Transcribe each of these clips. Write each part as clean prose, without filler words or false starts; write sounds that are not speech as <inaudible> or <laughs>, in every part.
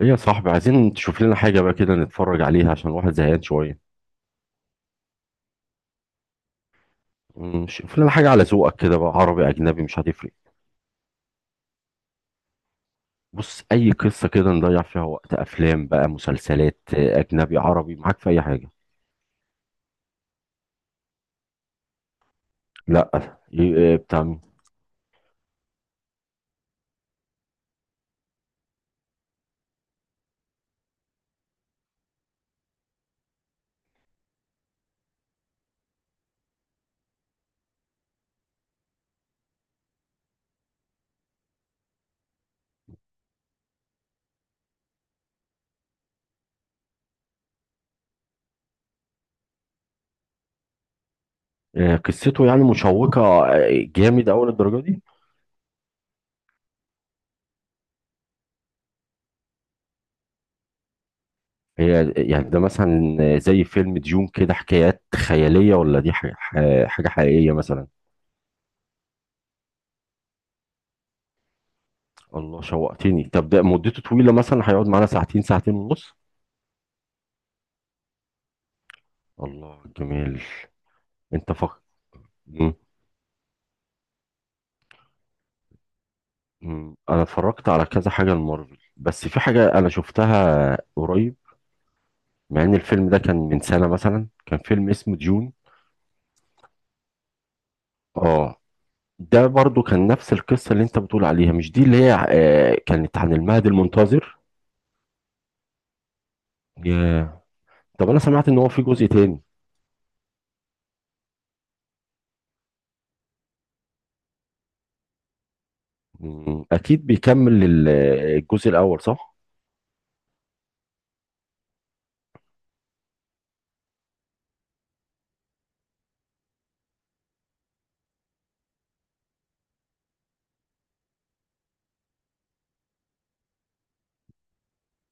ايه يا صاحبي؟ عايزين تشوف لنا حاجة بقى كده نتفرج عليها عشان الواحد زهقان شوية. شوف لنا حاجة على ذوقك كده بقى، عربي أجنبي مش هتفرق. بص، أي قصة كده نضيع فيها وقت، أفلام بقى مسلسلات أجنبي عربي، معاك في أي حاجة. لا إيه بتاع مين؟ قصته يعني مشوقة. آه. جامد أوي للدرجة دي؟ هي يعني ده مثلا زي فيلم ديون كده، حكايات خيالية، ولا دي حاجة حاجة حقيقية مثلا؟ الله، شوقتني. طب ده مدته طويلة مثلا؟ هيقعد معانا ساعتين، ساعتين ونص؟ الله، جميل. انت فق... مم. مم. انا اتفرجت على كذا حاجه المارفل، بس في حاجه انا شفتها قريب، مع ان الفيلم ده كان من سنه مثلا، كان فيلم اسمه ديون. اه، ده برضو كان نفس القصه اللي انت بتقول عليها، مش دي اللي هي كانت عن المهد المنتظر؟ ياه. طب انا سمعت ان هو في جزء تاني. مم. اكيد بيكمل الجزء الاول، صح؟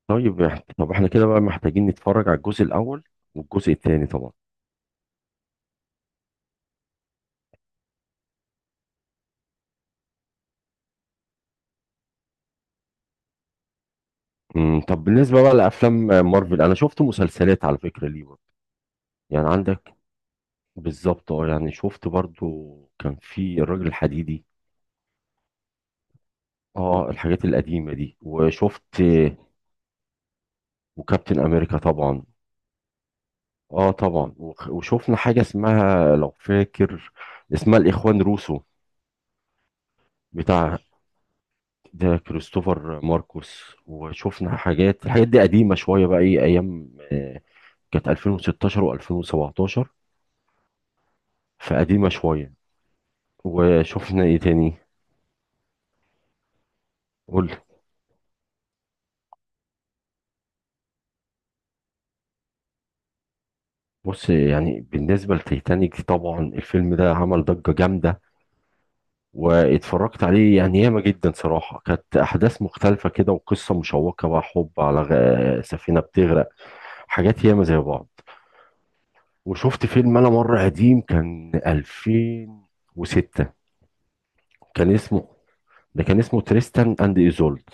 طيب طب احنا كده بقى محتاجين نتفرج على الجزء الاول والجزء التاني طبعا. مم. طب بالنسبه بقى لافلام مارفل، انا شفت مسلسلات على فكره ليه، يعني عندك. بالظبط، اه، يعني شفت برضو. كان في الراجل الحديدي. اه الحاجات القديمة دي، وشفت وكابتن امريكا طبعا. اه طبعا، وشفنا حاجة اسمها لو فاكر، اسمها الاخوان روسو، بتاع، ده كريستوفر ماركوس. وشفنا حاجات، الحاجات دي قديمة شوية بقى ايه، ايام كانت 2016 و2017، فقديمة شوية. وشفنا ايه تاني؟ قول. بص يعني بالنسبة لتيتانيك، طبعا الفيلم ده عمل ضجة جامدة، واتفرجت عليه يعني ياما، جدا صراحة، كانت أحداث مختلفة كده وقصة مشوقة بقى، حب على سفينة بتغرق، حاجات ياما زي بعض. وشفت فيلم أنا مرة قديم، كان 2006، كان اسمه، ده كان اسمه تريستان أند إيزولد.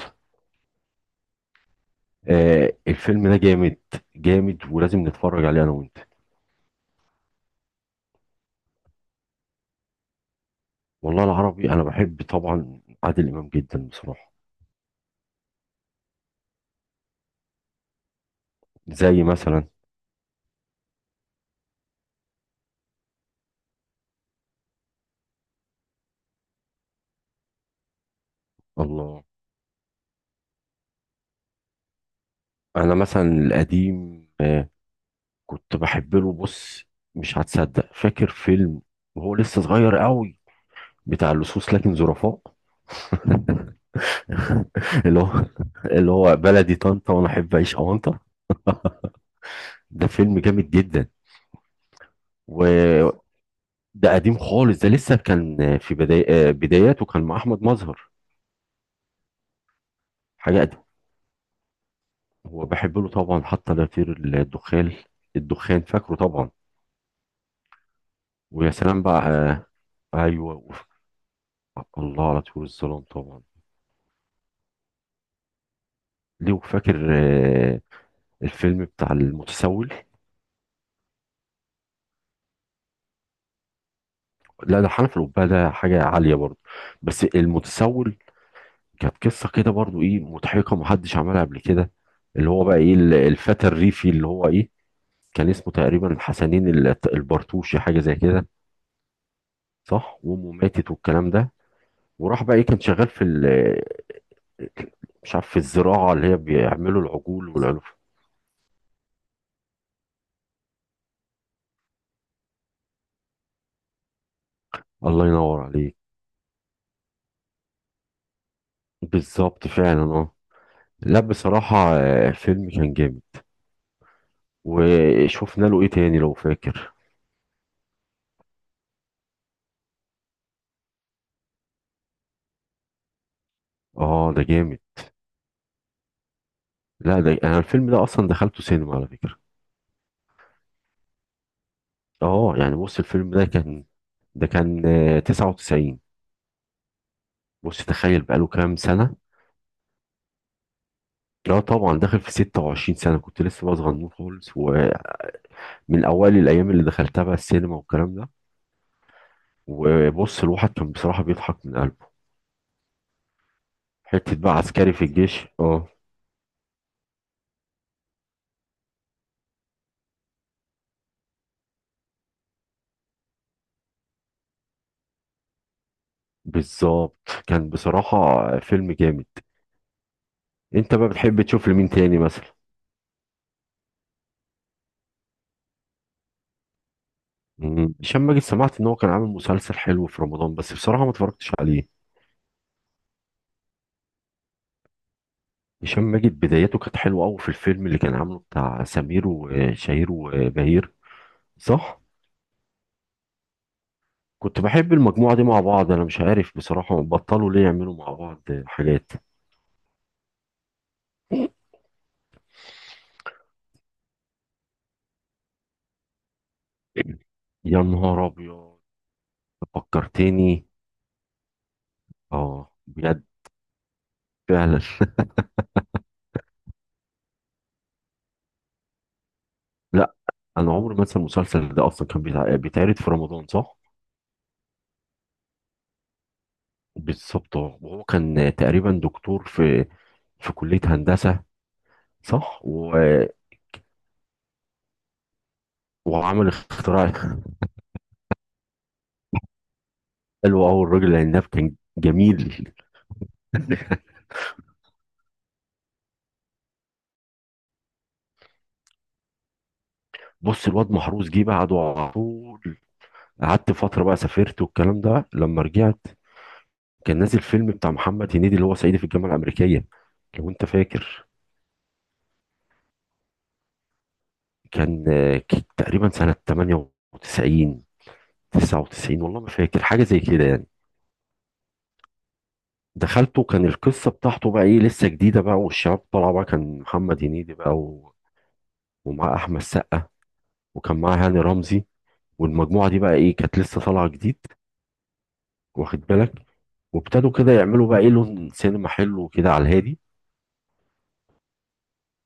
الفيلم ده جامد، جامد، ولازم نتفرج عليه أنا وأنت. والله العربي، أنا بحب طبعا عادل إمام جدا بصراحة. زي مثلا؟ الله، انا مثلا القديم كنت بحب له. بص، مش هتصدق، فاكر فيلم وهو لسه صغير قوي، بتاع اللصوص لكن ظرفاء؟ <laughs> اللي هو، اللي هو بلدي طنطا وانا احب اعيش اونطه. ده فيلم جامد جدا. وده قديم خالص، ده لسه كان في بداية بداياته، كان مع احمد مظهر. حاجه قديم. هو بحب له طبعا حتى لا يطير الدخان. الدخان، فاكره طبعا. ويا سلام بقى ايوه. الله، على طول الظلام طبعا. لو فاكر الفيلم بتاع المتسول؟ لا ده حنف الأبهة، ده حاجة عالية برضه. بس المتسول كانت قصة كده برضه ايه، مضحكة، محدش عملها قبل كده، اللي هو بقى ايه الفتى الريفي اللي هو ايه، كان اسمه تقريبا الحسنين البرتوشي، حاجة زي كده، صح؟ وامه ماتت والكلام ده، وراح بقى ايه كان شغال في مش عارف في الزراعة، اللي هي بيعملوا العجول والعلوف. الله ينور عليك. بالظبط فعلا، اه. لا بصراحة الفيلم كان جامد. وشفنا له ايه تاني لو فاكر؟ اه ده جامد. لا ده، انا الفيلم ده اصلا دخلته سينما على فكرة. اه يعني بص، الفيلم ده كان، ده كان 99. بص تخيل، بقاله كام سنة. لا طبعا داخل في 26 سنة، كنت لسه بقى صغنون خالص، ومن اوائل الايام اللي دخلتها بقى السينما والكلام ده. وبص، الواحد كان بصراحة بيضحك من قلبه. حتة بقى عسكري في الجيش، اه. بالظبط، كان بصراحة فيلم جامد. انت بقى بتحب تشوف لمين تاني مثلا؟ مم. هشام ماجد، سمعت ان هو كان عامل مسلسل حلو في رمضان، بس بصراحة ما اتفرجتش عليه. هشام ماجد بدايته كانت حلوة قوي في الفيلم اللي كان عامله بتاع سمير وشهير وبهير. صح. كنت بحب المجموعة دي مع بعض، انا مش عارف بصراحة بطلوا ليه يعملوا مع بعض حاجات. يا نهار ابيض، فكرتني. اه، بجد، فعلا. <laughs> لا، انا عمري ما انسى المسلسل ده، اصلا كان بيتعرض في رمضان، صح؟ بالظبط، اه، وهو كان تقريبا دكتور في، في كلية هندسة، صح؟ و... وعمل اختراع. حلو قوي الراجل العناب، كان جميل. بص الواد محروس جه بعده على طول. قعدت فترة بقى، سافرت والكلام ده، لما رجعت كان نازل فيلم بتاع محمد هنيدي، اللي هو صعيدي في الجامعة الأمريكية، لو أنت فاكر. كان تقريبا سنة 98، 99، والله ما فاكر حاجة زي كده يعني. دخلته، كان القصة بتاعته بقى إيه لسه جديدة بقى، والشباب طالعة بقى، كان محمد هنيدي بقى و... ومعاه أحمد سقا، وكان معاه هاني رمزي، والمجموعة دي بقى ايه كانت لسه طالعة جديد، واخد بالك؟ وابتدوا كده يعملوا بقى ايه لون سينما حلو كده على الهادي،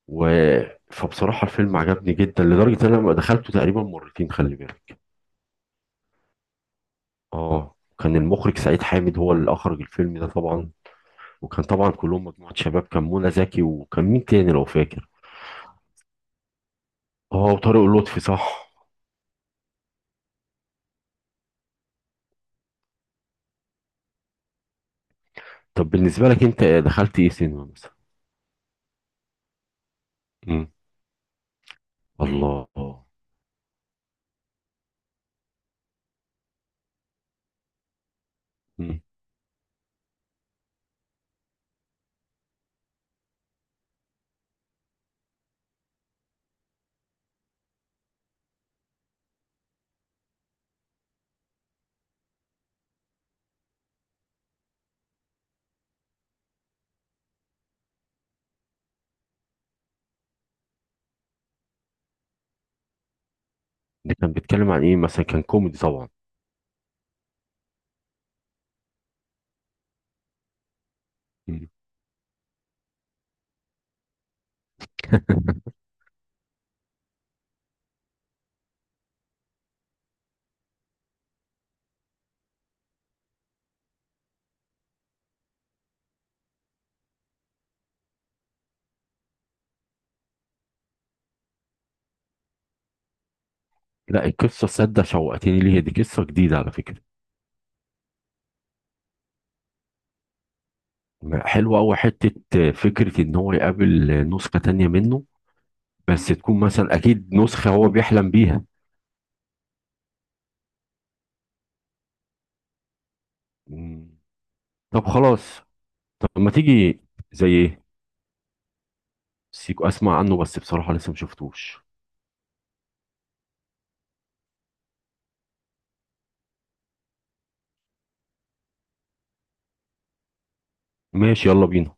و، فبصراحة الفيلم عجبني جدا، لدرجة ان انا لما دخلته تقريبا مرتين، خلي بالك. اه، كان المخرج سعيد حامد هو اللي اخرج الفيلم ده طبعا. وكان طبعا كلهم مجموعة شباب، كان منى زكي، وكان مين تاني لو فاكر؟ اه وطارق لطفي، صح. طب بالنسبة لك انت، دخلت ايه سينما مثلا؟ مم. الله. مم. ده كان بيتكلم عن ايه مثلا؟ كان كوميدي طبعا؟ لا القصه صدق شوقتني ليها، دي قصه جديده على فكره. حلوه قوي حته، فكره ان هو يقابل نسخه تانية منه، بس تكون مثلا اكيد نسخه هو بيحلم بيها. مم. طب خلاص. طب ما تيجي. زي ايه؟ سيكو، اسمع عنه بس بصراحه لسه ما شفتوش. ماشي يلا بينا.